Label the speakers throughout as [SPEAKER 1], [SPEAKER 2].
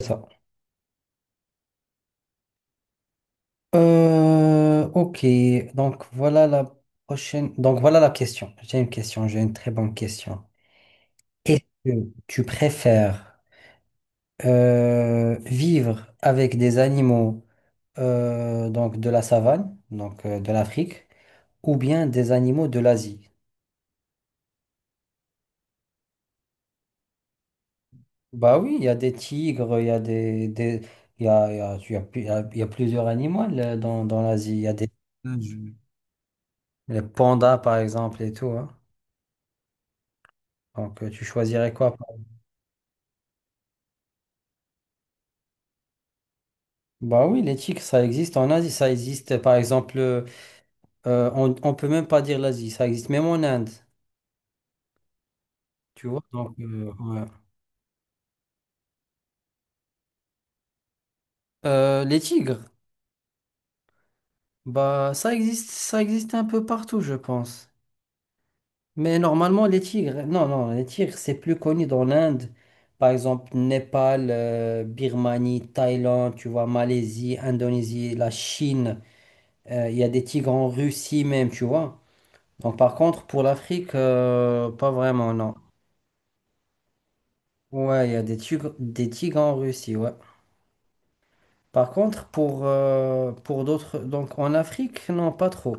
[SPEAKER 1] Ça. Euh, ok, donc voilà la prochaine. Donc voilà la question. J'ai une question, j'ai une très bonne question. Oui. Tu préfères vivre avec des animaux donc de la savane, donc de l'Afrique, ou bien des animaux de l'Asie? Bah oui, il y a des tigres, il y a, il y a, il y a pu- il y a plusieurs animaux là, dans l'Asie. Il y a des les pandas par exemple et tout, hein. Donc tu choisirais quoi? Bah oui, les tiques, ça existe en Asie, ça existe par exemple, on peut même pas dire l'Asie, ça existe même en Inde, tu vois. Donc, ouais. Les tigres, bah ça existe un peu partout, je pense. Mais normalement, les tigres, non, non, les tigres, c'est plus connu dans l'Inde, par exemple, Népal, Birmanie, Thaïlande, tu vois, Malaisie, Indonésie, la Chine, il y a des tigres en Russie même, tu vois. Donc, par contre, pour l'Afrique, pas vraiment, non. Ouais, il y a des tigres en Russie, ouais. Par contre, pour d'autres, donc en Afrique, non, pas trop.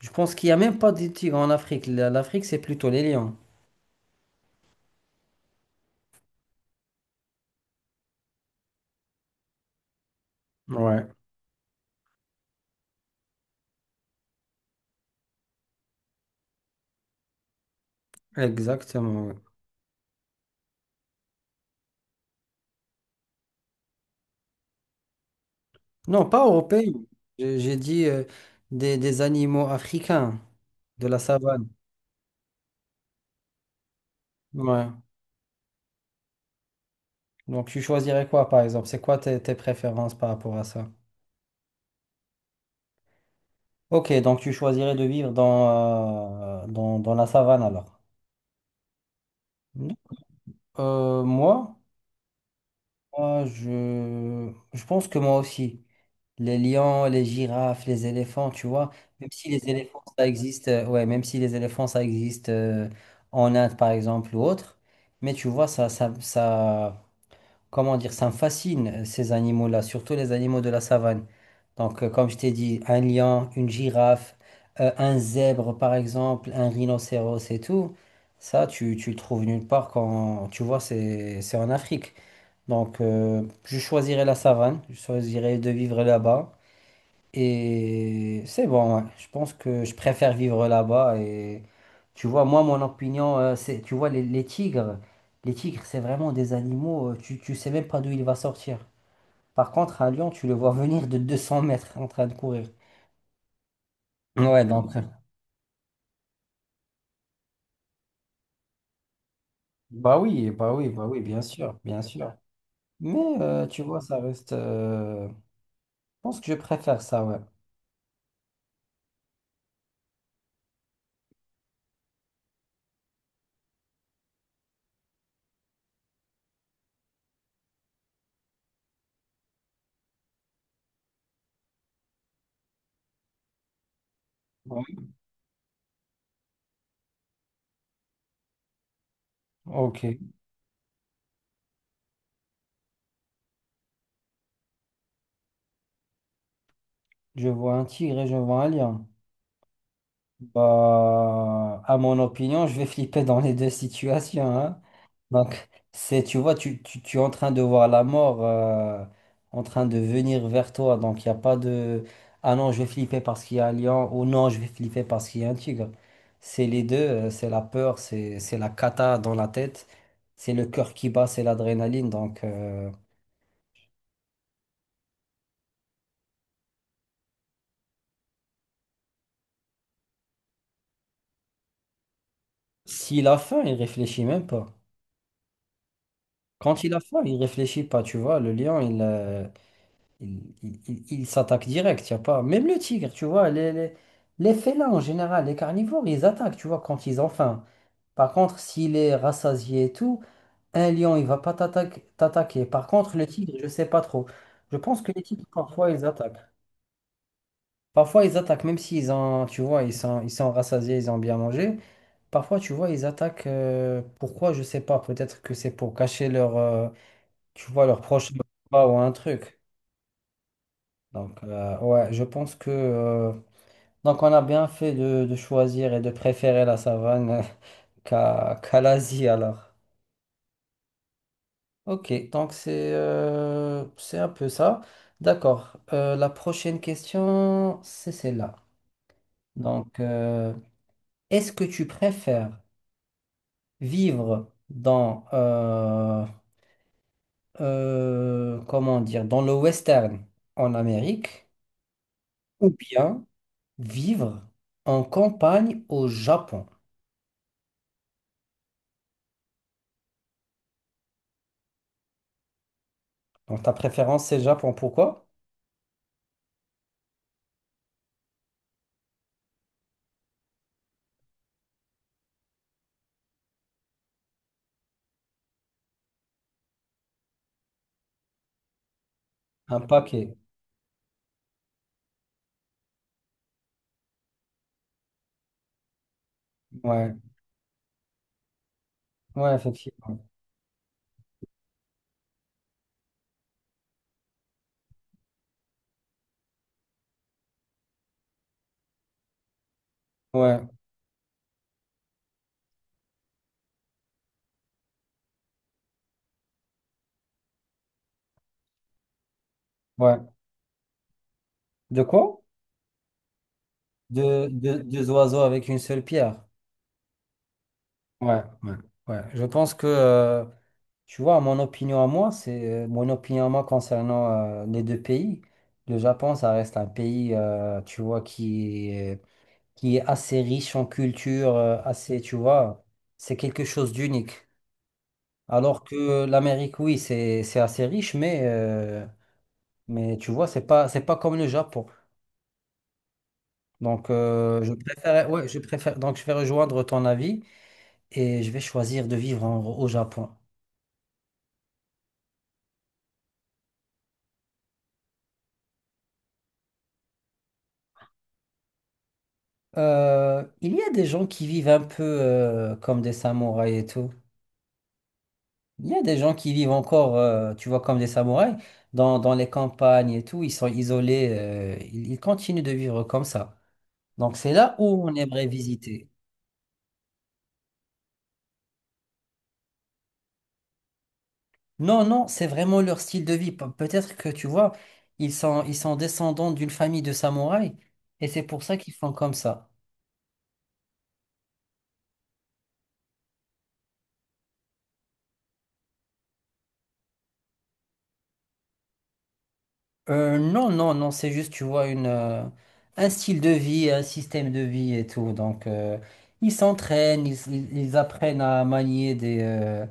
[SPEAKER 1] Je pense qu'il n'y a même pas des tigres en Afrique. L'Afrique, c'est plutôt les lions. Ouais, exactement, ouais. Non, pas européens. J'ai dit des animaux africains de la savane. Ouais. Donc tu choisirais quoi, par exemple? C'est quoi tes préférences par rapport à ça? Ok, donc tu choisirais de vivre dans, dans la savane alors. Moi? Moi, je pense que moi aussi. Les lions, les girafes, les éléphants, tu vois. Même si les éléphants, ça existe, ouais, même si les éléphants, ça existe en Inde, par exemple, ou autre. Mais tu vois, ça, comment dire, ça me fascine, ces animaux-là, surtout les animaux de la savane. Donc, comme je t'ai dit, un lion, une girafe, un zèbre, par exemple, un rhinocéros et tout, ça, tu le trouves nulle part quand, tu vois, c'est en Afrique. Donc, je choisirais la savane, je choisirais de vivre là-bas. Et c'est bon, ouais. Je pense que je préfère vivre là-bas. Et tu vois, moi, mon opinion, c'est, tu vois, les tigres, c'est vraiment des animaux, tu sais même pas d'où il va sortir. Par contre, à Lyon, tu le vois venir de 200 mètres en train de courir. Ouais, donc. Bah oui, bah oui, bah oui, bien sûr, bien sûr. Mais tu vois, ça reste. Je pense que je préfère ça, ouais. Ouais. Ok. Je vois un tigre et je vois un lion. Bah, à mon opinion, je vais flipper dans les deux situations, hein. Donc, c'est, tu vois, tu es en train de voir la mort en train de venir vers toi. Donc, il n'y a pas de... Ah non, je vais flipper parce qu'il y a un lion ou non, je vais flipper parce qu'il y a un tigre. C'est les deux, c'est la peur, c'est la cata dans la tête, c'est le cœur qui bat, c'est l'adrénaline. Donc, s'il a faim, il réfléchit même pas. Quand il a faim, il réfléchit pas, tu vois. Le lion. Il s'attaque direct, y a pas. Même le tigre, tu vois, les félins en général, les carnivores, ils attaquent, tu vois, quand ils ont faim. Par contre, s'il est rassasié et tout, un lion, il va pas t'attaque- t'attaquer. Par contre, le tigre, je sais pas trop. Je pense que les tigres, parfois, ils attaquent. Parfois, ils attaquent, même s'ils ont, tu vois, ils sont rassasiés, ils ont bien mangé. Parfois, tu vois, ils attaquent. Pourquoi, je sais pas. Peut-être que c'est pour cacher leur, tu vois, leur proche ou un truc. Donc, ouais, je pense que. Donc on a bien fait de choisir et de préférer la savane qu'à l'Asie alors. Ok, donc c'est un peu ça. D'accord. La prochaine question, c'est celle-là. Donc, est-ce que tu préfères vivre dans, comment dire, dans le western en Amérique ou bien vivre en campagne au Japon? Donc ta préférence c'est le Japon, pourquoi? Un paquet. Ouais, ouais, effectivement. Ouais, ouais. De quoi? Deux oiseaux avec une seule pierre. Ouais, ouais, ouais. Je pense que, tu vois, mon opinion à moi, c'est mon opinion à moi concernant les deux pays. Le Japon, ça reste un pays, tu vois, qui est assez riche en culture, assez, tu vois, c'est quelque chose d'unique. Alors que l'Amérique, oui, c'est assez riche, mais tu vois, c'est pas comme le Japon. Donc, je préfère, ouais, je préfère, donc je vais rejoindre ton avis et je vais choisir de au Japon. Il y a des gens qui vivent un peu comme des samouraïs et tout. Il y a des gens qui vivent encore, tu vois, comme des samouraïs, dans, dans les campagnes et tout. Ils sont isolés, ils, ils continuent de vivre comme ça. Donc, c'est là où on aimerait visiter. Non, non, c'est vraiment leur style de vie. Peut-être que, tu vois, ils sont descendants d'une famille de samouraïs et c'est pour ça qu'ils font comme ça. Non, non, non, c'est juste, tu vois, une, un style de vie, un système de vie et tout. Donc, ils s'entraînent, ils apprennent à manier des,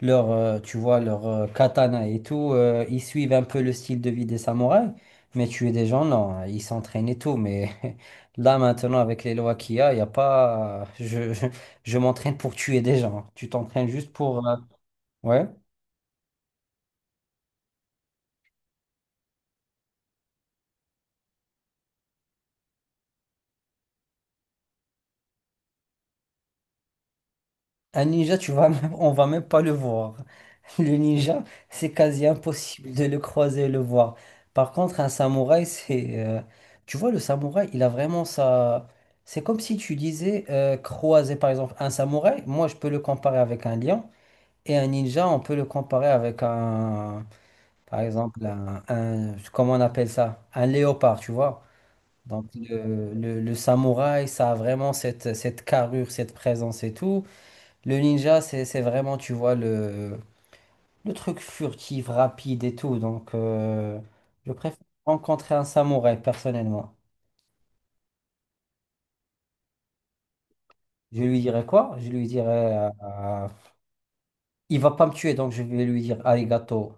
[SPEAKER 1] leur, tu vois, leur katana et tout. Ils suivent un peu le style de vie des samouraïs. Mais tuer des gens, non, hein, ils s'entraînent et tout. Mais là, maintenant, avec les lois qu'il y a, il n'y a pas. Je m'entraîne pour tuer des gens. Tu t'entraînes juste pour. Ouais. Un ninja, tu vas même- On va même pas le voir. Le ninja, c'est quasi impossible de le croiser et le voir. Par contre, un samouraï, tu vois, le samouraï, il a vraiment sa... C'est comme si tu disais croiser, par exemple, un samouraï, moi, je peux le comparer avec un lion, et un ninja, on peut le comparer avec un... Par exemple, comment on appelle ça? Un léopard, tu vois? Donc, le samouraï, ça a vraiment cette, cette carrure, cette présence et tout. Le ninja, c'est vraiment, tu vois, le truc furtif, rapide et tout. Donc, je préfère rencontrer un samouraï, personnellement. Je lui dirais quoi? Je lui dirais, il va pas me tuer, donc je vais lui dire arigato,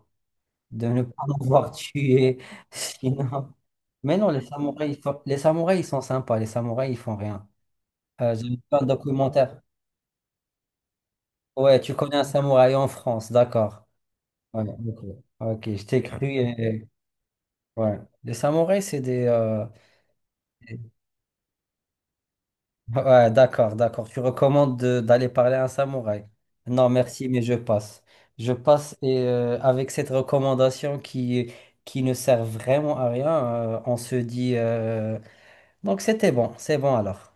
[SPEAKER 1] de ne pas m'avoir tué. Sinon... Mais non, les samouraïs, ils sont sympas. Les samouraïs, ils font rien. J'ai vu un documentaire. Ouais, tu connais un samouraï en France, d'accord. Ouais, ok. Ok, je t'ai cru. Et... Ouais. Les samouraïs, c'est des, Ouais, d'accord, d'accord. D'aller parler à un samouraï. Non, merci, mais je passe. Je passe et avec cette recommandation qui ne sert vraiment à rien, on se dit... Donc c'était bon, c'est bon alors.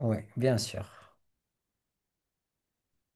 [SPEAKER 1] Oui, bien sûr.